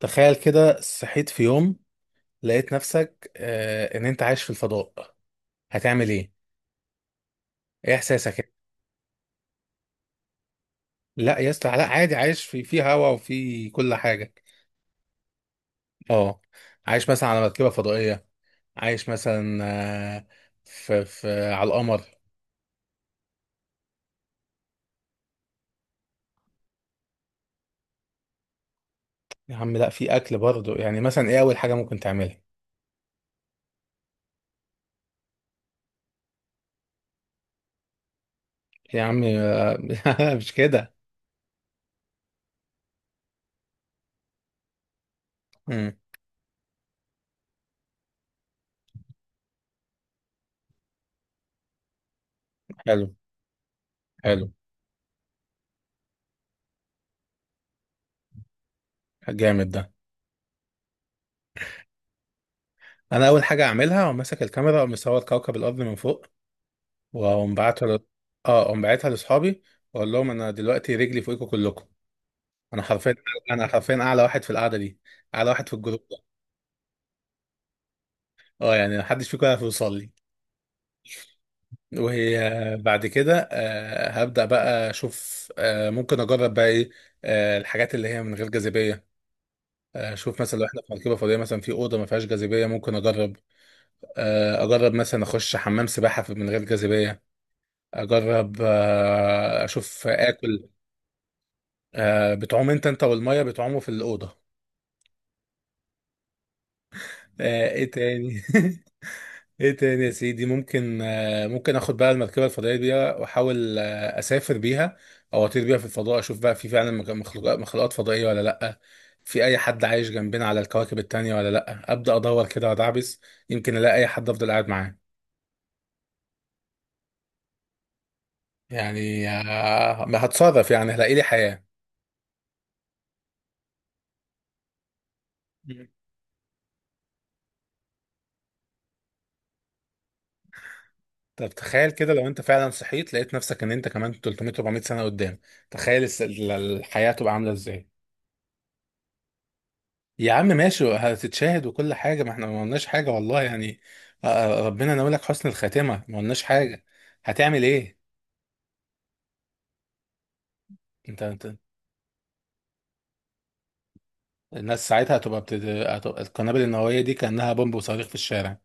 تخيل كده صحيت في يوم، لقيت نفسك ان انت عايش في الفضاء. هتعمل ايه؟ ايه احساسك؟ لا يا اسطى لا، عادي عايش في هواء وفي كل حاجه. اه، عايش مثلا على مركبه فضائيه، عايش مثلا آه في على القمر. يا عم لا، في اكل برضه. يعني مثلا ايه اول حاجه ممكن تعملها؟ يا عم مش كده. امم. حلو، حلو. جامد ده. انا اول حاجه اعملها، وماسك الكاميرا ومصور كوكب الارض من فوق، واقوم بعتها ل... اه اقوم باعتها لاصحابي، واقول لهم انا دلوقتي رجلي فوقكم كلكم. انا حرفيا، انا حرفيا اعلى واحد في القعده دي، اعلى واحد في الجروب ده. اه يعني محدش فيكم يعرف يوصل لي. وهي، بعد كده هبدا بقى اشوف، ممكن اجرب بقى ايه، الحاجات اللي هي من غير جاذبيه. اشوف مثلا لو احنا في مركبه فضائيه، مثلا في اوضه ما فيهاش جاذبيه، ممكن اجرب اجرب مثلا اخش حمام سباحه من غير جاذبيه. اجرب اشوف اكل. بتعوم انت والميه بتعوموا في الاوضه. ايه تاني؟ ايه تاني يا سيدي؟ ممكن ممكن اخد بقى المركبه الفضائيه دي، واحاول اسافر بيها، او اطير بيها في الفضاء، اشوف بقى في فعلا مخلوقات فضائيه ولا لا، في اي حد عايش جنبنا على الكواكب التانية ولا لا. ابدا ادور كده وادعبس، يمكن الاقي اي حد افضل قاعد معاه. يعني هتصادف، يعني هلاقي لي حياه. طب تخيل كده لو انت فعلا صحيت، لقيت نفسك ان انت كمان 300 400 سنة قدام، تخيل الحياة تبقى عاملة ازاي؟ يا عم ماشي، هتتشاهد وكل حاجة. ما احنا ما قلناش حاجة، والله يعني. ربنا ناوي حسن الخاتمة، ما قلناش حاجة. هتعمل ايه؟ انت الناس ساعتها هتبقى هتبقى القنابل النووية دي كأنها بومب وصواريخ في الشارع.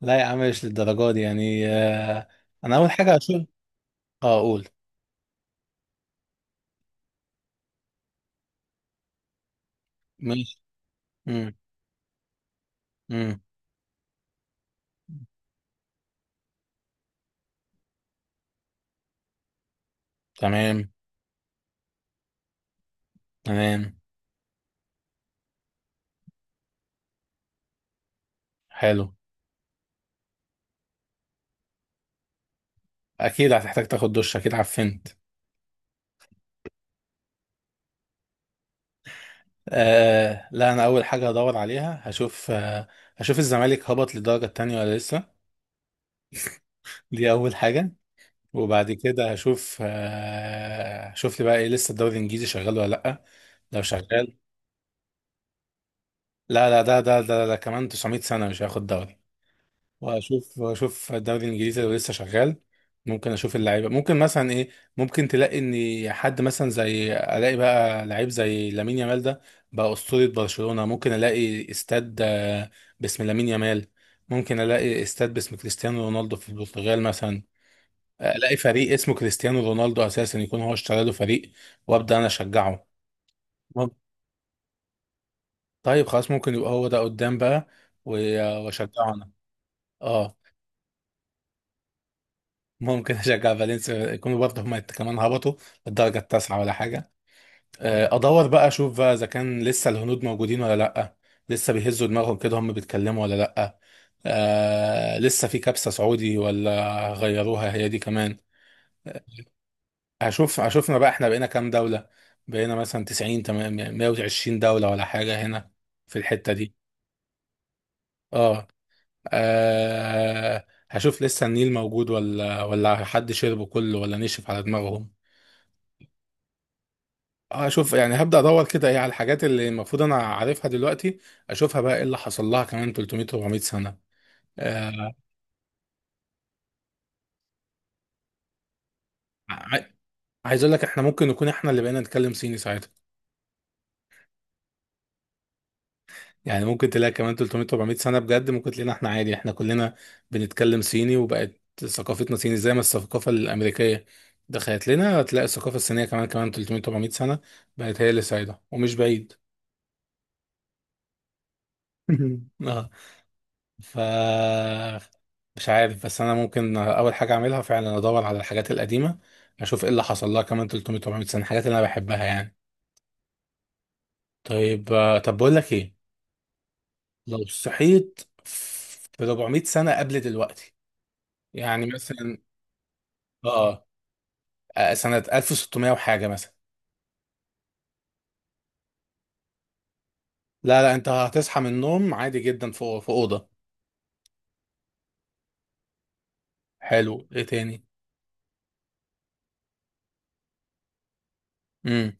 لا يا عم مش للدرجة دي، يعني انا اول حاجة هشوف. اه، اقول ماشي. امم. امم. تمام. تمام. حلو. اكيد هتحتاج تاخد دش، اكيد عفنت. لا، انا اول حاجه هدور عليها هشوف، هشوف الزمالك هبط للدرجه التانية ولا لسه. دي اول حاجه. وبعد كده هشوف، هشوف لي بقى ايه، لسه الدوري الانجليزي شغال ولا لا. لو شغال، لا لا، ده كمان 900 سنه مش هياخد دوري. اشوف الدوري الانجليزي لو لسه شغال. ممكن اشوف اللعيبه، ممكن مثلا ايه. ممكن تلاقي ان حد مثلا، زي الاقي بقى لعيب زي لامين يامال ده، بقى اسطوره برشلونه، ممكن الاقي استاد باسم لامين يامال. ممكن الاقي استاد باسم كريستيانو رونالدو في البرتغال مثلا، الاقي فريق اسمه كريستيانو رونالدو، اساسا يكون هو اشترى له فريق، وابدا انا اشجعه. مم. طيب خلاص، ممكن يبقى هو ده قدام بقى، و- واشجعه انا. اه ممكن اشجع فالنسيا، يكونوا برضه هم كمان هبطوا الدرجه التاسعه ولا حاجه. ادور بقى اشوف بقى اذا كان لسه الهنود موجودين ولا لا، لسه بيهزوا دماغهم كده هم بيتكلموا ولا لا. لسه في كبسه سعودي ولا غيروها هي دي كمان. آه، هشوفنا بقى احنا بقينا كام دولة. بقينا مثلا 90 تمام 120 دولة ولا حاجة هنا في الحتة دي. اه. هشوف لسه النيل موجود ولا حد شربه كله ولا نشف على دماغهم. اشوف يعني، هبدأ ادور كده ايه على الحاجات اللي المفروض انا عارفها دلوقتي، اشوفها بقى ايه اللي حصل لها كمان 300 400 سنة. آه ع- عايز اقول لك احنا ممكن نكون احنا اللي بقينا نتكلم صيني ساعتها. يعني ممكن تلاقي كمان 300 400 سنة بجد، ممكن تلاقينا احنا عادي، احنا كلنا بنتكلم صيني، وبقت ثقافتنا صيني. زي ما الثقافة الأمريكية دخلت لنا، هتلاقي الثقافة الصينية كمان، كمان 300 400 سنة بقت هي اللي سايدة، ومش بعيد. اه. ف مش عارف، بس انا ممكن اول حاجه اعملها فعلا ادور على الحاجات القديمه، اشوف ايه اللي حصل لها كمان 300 400 سنه، الحاجات اللي انا بحبها يعني. طيب طب بقول لك ايه، لو صحيت في 400 سنه قبل دلوقتي، يعني مثلا اه سنه 1600 وحاجه مثلا. لا لا، انت هتصحى من النوم عادي جدا في اوضه. حلو، ايه تاني؟ امم.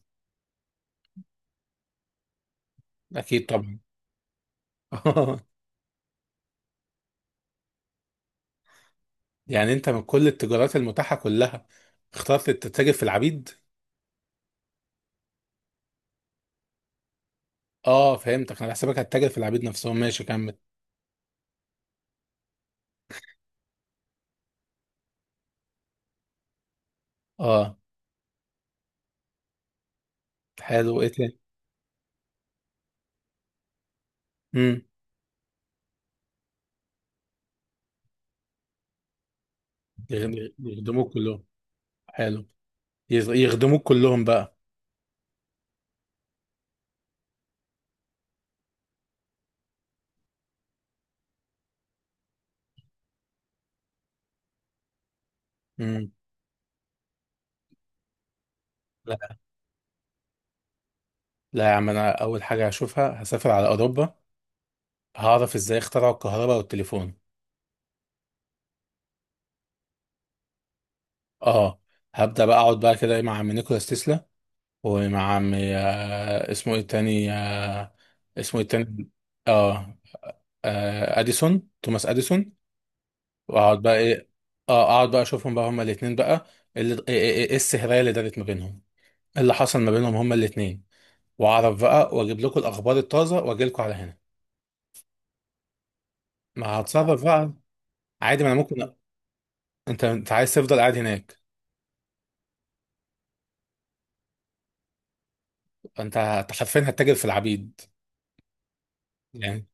اكيد طبعا. يعني انت من كل التجارات المتاحه كلها، اخترت تتاجر في العبيد؟ اه فهمتك، انا حسابك هتتاجر في العبيد نفسهم، ماشي كمل. اه حلو، ايه تاني؟ امم. يخدموك كلهم. حلو. يخدموك كلهم بقى. امم. لا لا يا عم، انا اول حاجه هشوفها هسافر على اوروبا، هعرف ازاي اخترعوا الكهرباء والتليفون. اه، هبدا بقى اقعد بقى كده مع عم نيكولاس تسلا، ومع عم اسمه ايه التاني؟ اسمه ايه التاني؟ اه، اديسون، توماس اديسون. واقعد بقى ايه. اه اقعد بقى اشوفهم بقى هما الاتنين بقى، اللي ايه ايه ايه إيه السهرية اللي دارت ما بينهم، إيه اللي حصل ما بينهم هما الاتنين. واعرف بقى واجيب لكم الاخبار الطازة، واجي لكم على هنا. ما هتصرف بقى. عادي، ما انا ممكن. انت عايز تفضل قاعد هناك. انت حرفيا هتتاجر في العبيد؟ يعني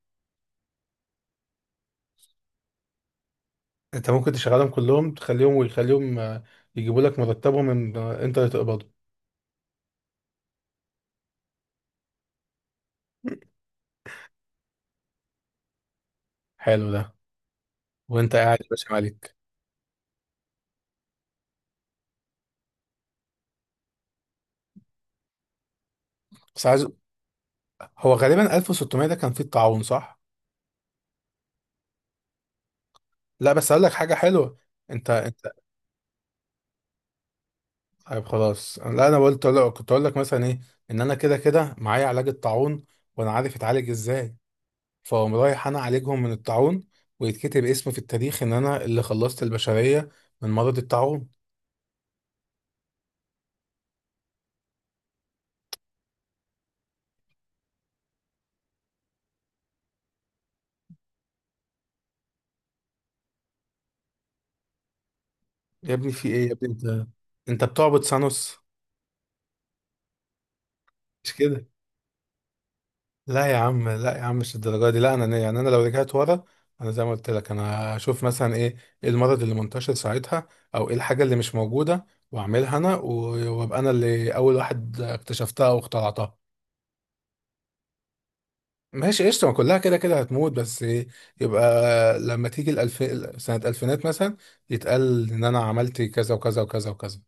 انت ممكن تشغلهم كلهم، تخليهم ويخليهم يجيبوا لك مرتبهم، ان انت اللي تقبضه. حلو ده. وانت قاعد يا باشا مالك. بس عايز، هو غالبا 1600 ده كان فيه الطاعون صح؟ لا بس اقول لك حاجه حلوه. انت، طيب خلاص، لا انا قلت، لا كنت اقول لك مثلا ايه، ان انا كده كده معايا علاج الطاعون، وانا عارف اتعالج ازاي، فاقوم رايح انا اعالجهم من الطاعون، ويتكتب اسمي في التاريخ ان انا اللي خلصت البشرية من مرض الطاعون. يا ابني في ايه يا ابني انت؟ انت بتعبد سانوس؟ مش كده. لا يا عم، لا يا عم، مش الدرجة دي. لا انا يعني، انا لو رجعت ورا، انا زي ما قلت لك، انا هشوف مثلا ايه، ايه المرض اللي منتشر ساعتها، او ايه الحاجة اللي مش موجودة، واعملها انا وابقى انا اللي اول واحد اكتشفتها واخترعتها. ماشي قشطة، ما كلها كده كده هتموت، بس إيه، يبقى لما تيجي سنة ألفينات مثلا، يتقال إن أنا عملت كذا وكذا وكذا وكذا.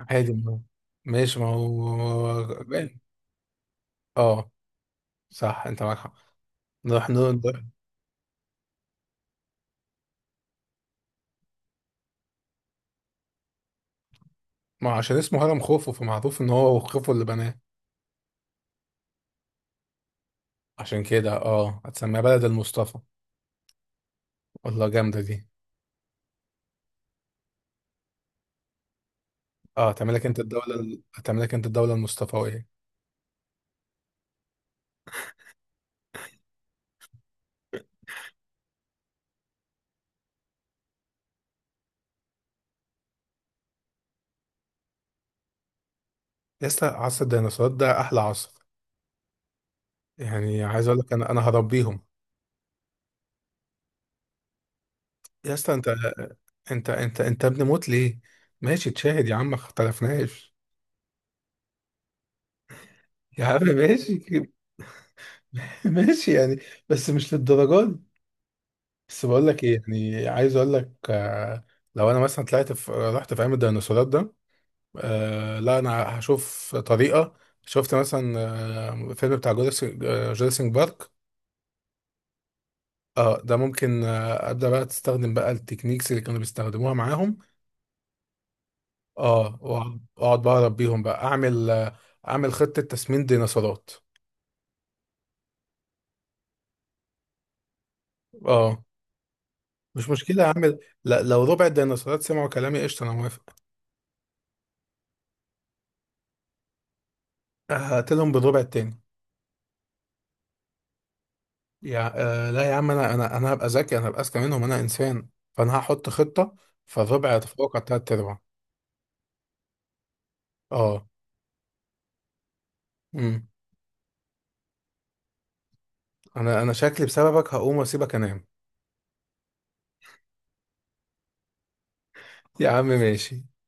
عادي ما هو- ماشي، ما هو باين. اه صح، أنت معاك حق. نروح نروح نروح- ما هو عشان اسمه هرم خوفو، فمعروف إن هو خوفو اللي بناه. عشان كده اه، هتسميها بلد المصطفى. والله جامدة دي. اه، هتعمل لك أنت هتعمل لك أنت الدولة المصطفوية. لسه عصر الديناصورات ده أحلى عصر. يعني عايز أقول لك أنا هربيهم. يا اسطى، انت ابن موت ليه؟ ماشي تشاهد يا عم، ما اختلفناش. يا عم ماشي، ماشي يعني. بس مش للدرجه دي. بس بقول لك ايه، يعني عايز اقول لك لو انا مثلا طلعت في رحت في عالم الديناصورات ده، لا انا هشوف طريقه. شفت مثلا فيلم بتاع جوراسيك بارك؟ اه ده ممكن ابدا بقى تستخدم بقى التكنيكس اللي كانوا بيستخدموها معاهم. اه، وأقعد بقى اربيهم بقى اعمل اعمل خطه تسمين ديناصورات. اه مش مشكلة يا عم. لا لو ربع الديناصورات سمعوا كلامي قشطة، أنا موافق. هقتلهم بالربع التاني. يا، لا يا عم، أنا هبقى ذكي، أنا هبقى أذكى منهم، أنا إنسان، فأنا هحط خطة، فالربع يتفوق على التلات أرباع. أه. أمم. أنا شكلي بسببك هقوم وأسيبك أنام. يا عم ماشي